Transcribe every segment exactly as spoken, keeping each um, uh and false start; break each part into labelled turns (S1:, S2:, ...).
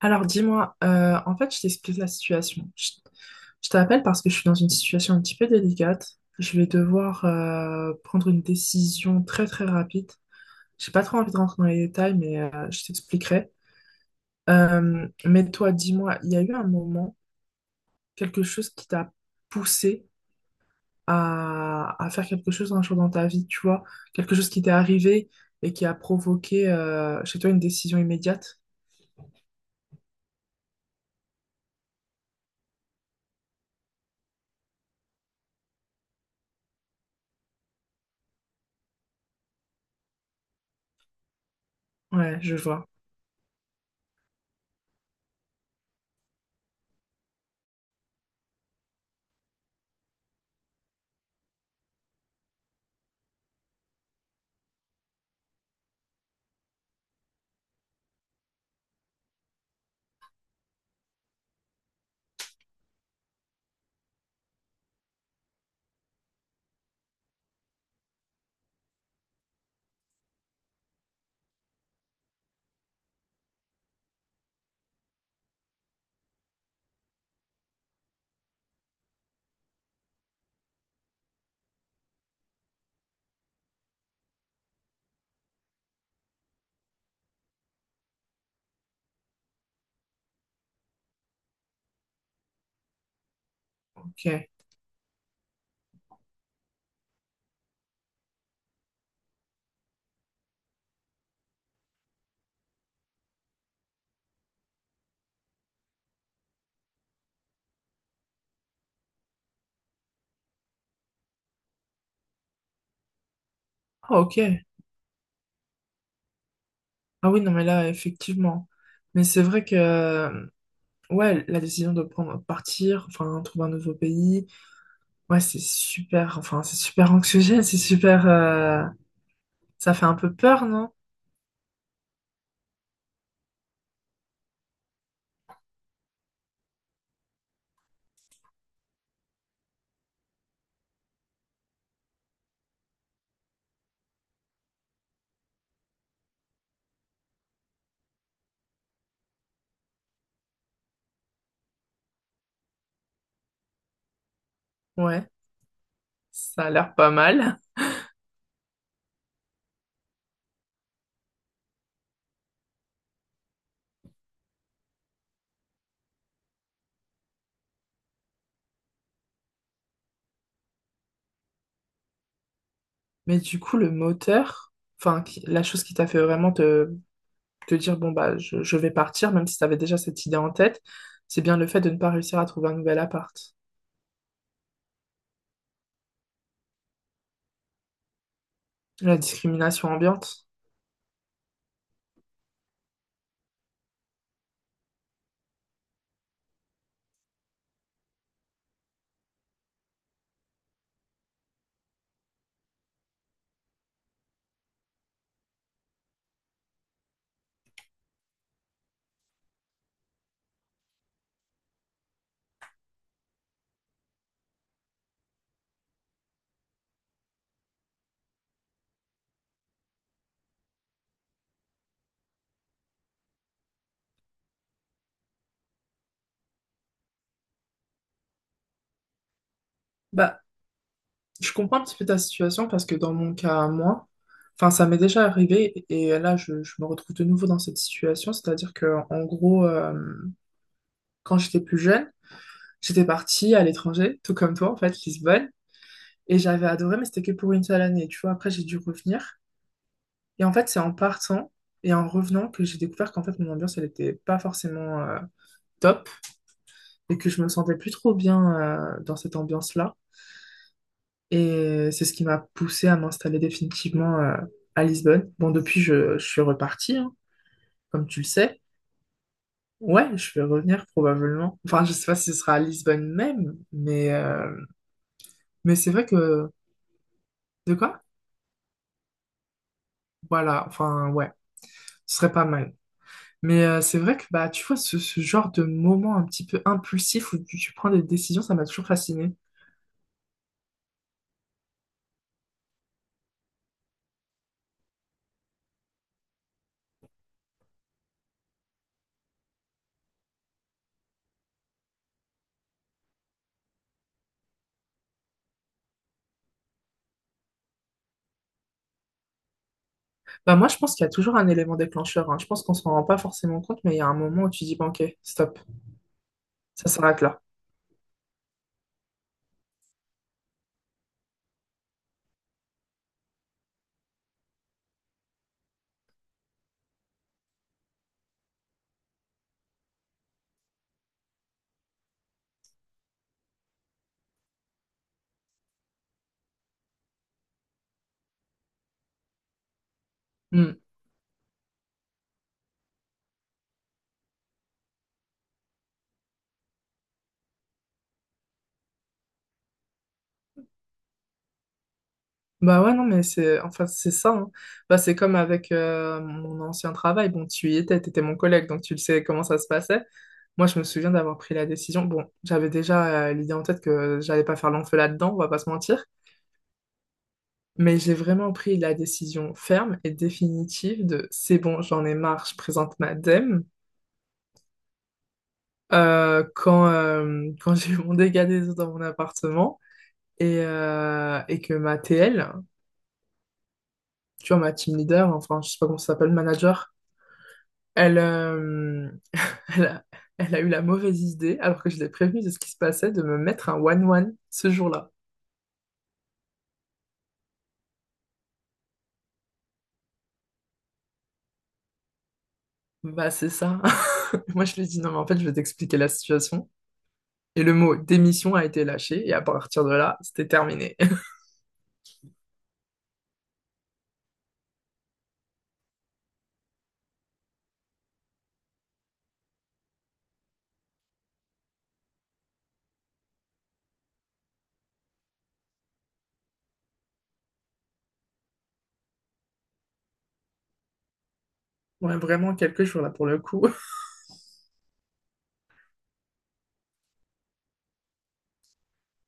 S1: Alors dis-moi, euh, en fait, je t'explique la situation. Je, je t'appelle parce que je suis dans une situation un petit peu délicate. Je vais devoir euh, prendre une décision très très rapide. J'ai pas trop envie de rentrer dans les détails, mais euh, je t'expliquerai. Euh, mais toi, dis-moi, il y a eu un moment, quelque chose qui t'a poussé à, à faire quelque chose un jour dans ta vie, tu vois, quelque chose qui t'est arrivé et qui a provoqué euh, chez toi une décision immédiate? Ouais, je vois. Ok. Ah, ok. Ah oui, non, mais là, effectivement. Mais c'est vrai que, euh, ouais, la décision de prendre, partir, enfin, trouver un nouveau pays, ouais, c'est super, enfin, c'est super anxiogène, c'est super, euh, ça fait un peu peur, non? Ouais, ça a l'air pas mal. Mais du coup, le moteur, enfin, qui- la chose qui t'a fait vraiment te te dire, bon, bah, je, je vais partir, même si tu avais déjà cette idée en tête, c'est bien le fait de ne pas réussir à trouver un nouvel appart. La discrimination ambiante. Bah, je comprends un petit peu ta situation parce que dans mon cas, à moi, enfin, ça m'est déjà arrivé et là, je, je me retrouve de nouveau dans cette situation. C'est-à-dire que, en gros, euh, quand j'étais plus jeune, j'étais partie à l'étranger, tout comme toi, en fait, Lisbonne, et j'avais adoré, mais c'était que pour une seule année, tu vois. Après, j'ai dû revenir. Et en fait, c'est en partant et en revenant que j'ai découvert qu'en fait, mon ambiance, elle n'était pas forcément euh, top et que je me sentais plus trop bien euh, dans cette ambiance-là. Et c'est ce qui m'a poussé à m'installer définitivement euh, à Lisbonne. Bon, depuis, je, je suis repartie, hein, comme tu le sais. Ouais, je vais revenir probablement. Enfin, je sais pas si ce sera à Lisbonne même, mais, euh, mais c'est vrai que... De quoi? Voilà, enfin, ouais, ce serait pas mal. Mais euh, c'est vrai que, bah, tu vois, ce, ce genre de moment un petit peu impulsif où tu, tu prends des décisions, ça m'a toujours fasciné. Bah moi, je pense qu'il y a toujours un élément déclencheur, hein. Je pense qu'on s'en rend pas forcément compte, mais il y a un moment où tu dis, bon, ok, stop, ça s'arrête là. Hmm. Bah ouais, non, mais c'est enfin, c'est ça, hein. Bah, c'est comme avec euh, mon ancien travail. Bon, tu y étais, tu étais mon collègue, donc tu le sais comment ça se passait. Moi, je me souviens d'avoir pris la décision. Bon, j'avais déjà euh, l'idée en tête que j'allais pas faire l'enfeu là-dedans, on va pas se mentir. Mais j'ai vraiment pris la décision ferme et définitive de c'est bon, j'en ai marre, je présente ma dème euh, quand, euh, quand j'ai eu mon dégât des eaux dans mon appartement et, euh, et que ma T L, tu vois, ma team leader, enfin, je sais pas comment ça s'appelle, manager, elle, euh, elle a, elle a eu la mauvaise idée, alors que je l'ai prévenue de ce qui se passait, de me mettre un one-one ce jour-là. Bah, c'est ça. Moi, je lui ai dit, non, mais en fait, je vais t'expliquer la situation. Et le mot démission a été lâché, et à partir de là, c'était terminé. Ouais, vraiment quelques jours là pour le coup.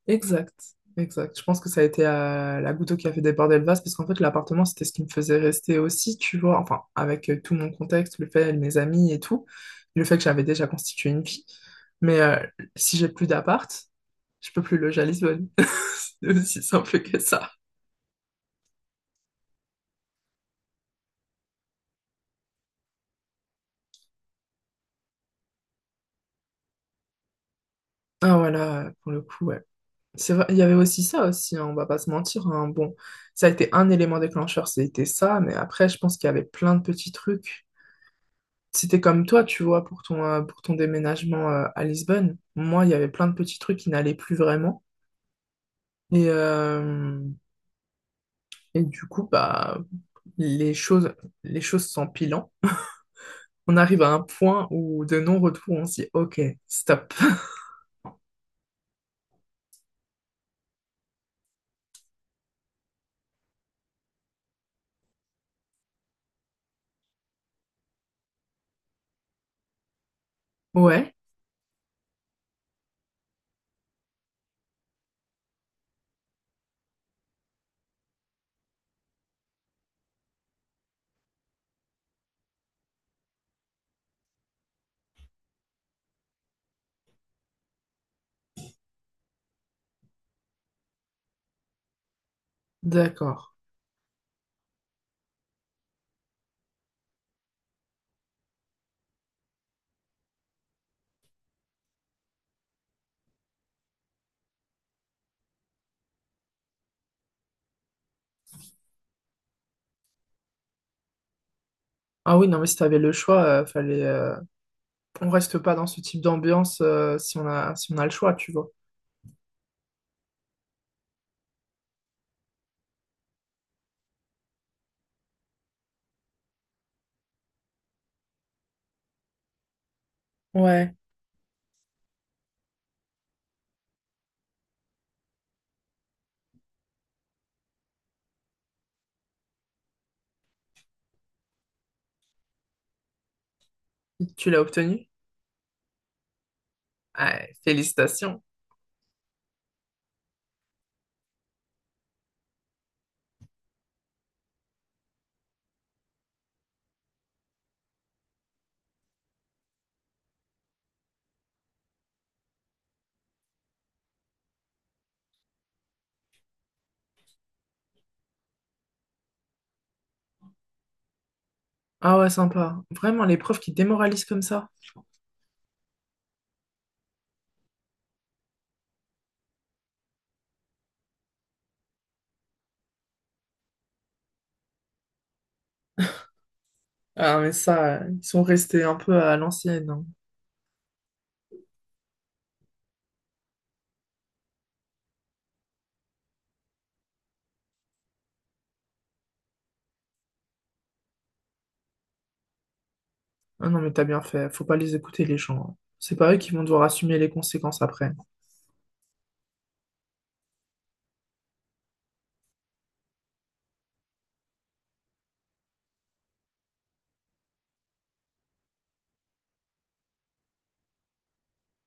S1: Exact, exact. Je pense que ça a été euh, la goutte qui a fait déborder le vase parce qu'en fait, l'appartement, c'était ce qui me faisait rester aussi, tu vois. Enfin, avec euh, tout mon contexte, le fait, mes amis et tout, le fait que j'avais déjà constitué une vie. Mais euh, si j'ai plus d'appart, je peux plus loger à Lisbonne. C'est aussi simple que ça. Ah voilà, pour le coup, ouais. C'est vrai, il y avait aussi ça aussi, hein, on va pas se mentir, hein. Bon, ça a été un élément déclencheur, c'était ça, mais après, je pense qu'il y avait plein de petits trucs. C'était comme toi, tu vois, pour ton, euh, pour ton déménagement euh, à Lisbonne. Moi, il y avait plein de petits trucs qui n'allaient plus vraiment. Et, euh, et du coup, bah, les choses, les choses s'empilant. On arrive à un point où de non-retour, on se dit, OK, stop. Ouais, d'accord. Ah oui, non, mais si t'avais le choix, euh, fallait, euh, on reste pas dans ce type d'ambiance euh, si on a, si on a le choix, tu vois. Ouais. Tu l'as obtenu? Ouais, félicitations. Ah ouais, sympa. Vraiment, les profs qui démoralisent comme ça. Ah, mais ça, euh, ils sont restés un peu à l'ancienne, hein. Ah non, mais t'as bien fait. Faut pas les écouter, les gens, hein. C'est pas eux qui vont devoir assumer les conséquences après.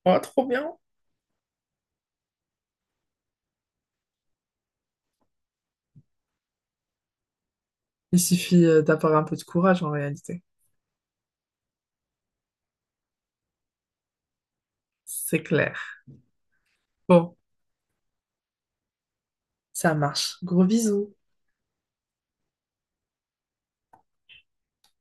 S1: Ah, trop bien. Il suffit euh, d'avoir un peu de courage en réalité. C'est clair. Bon, ça marche. Gros bisous.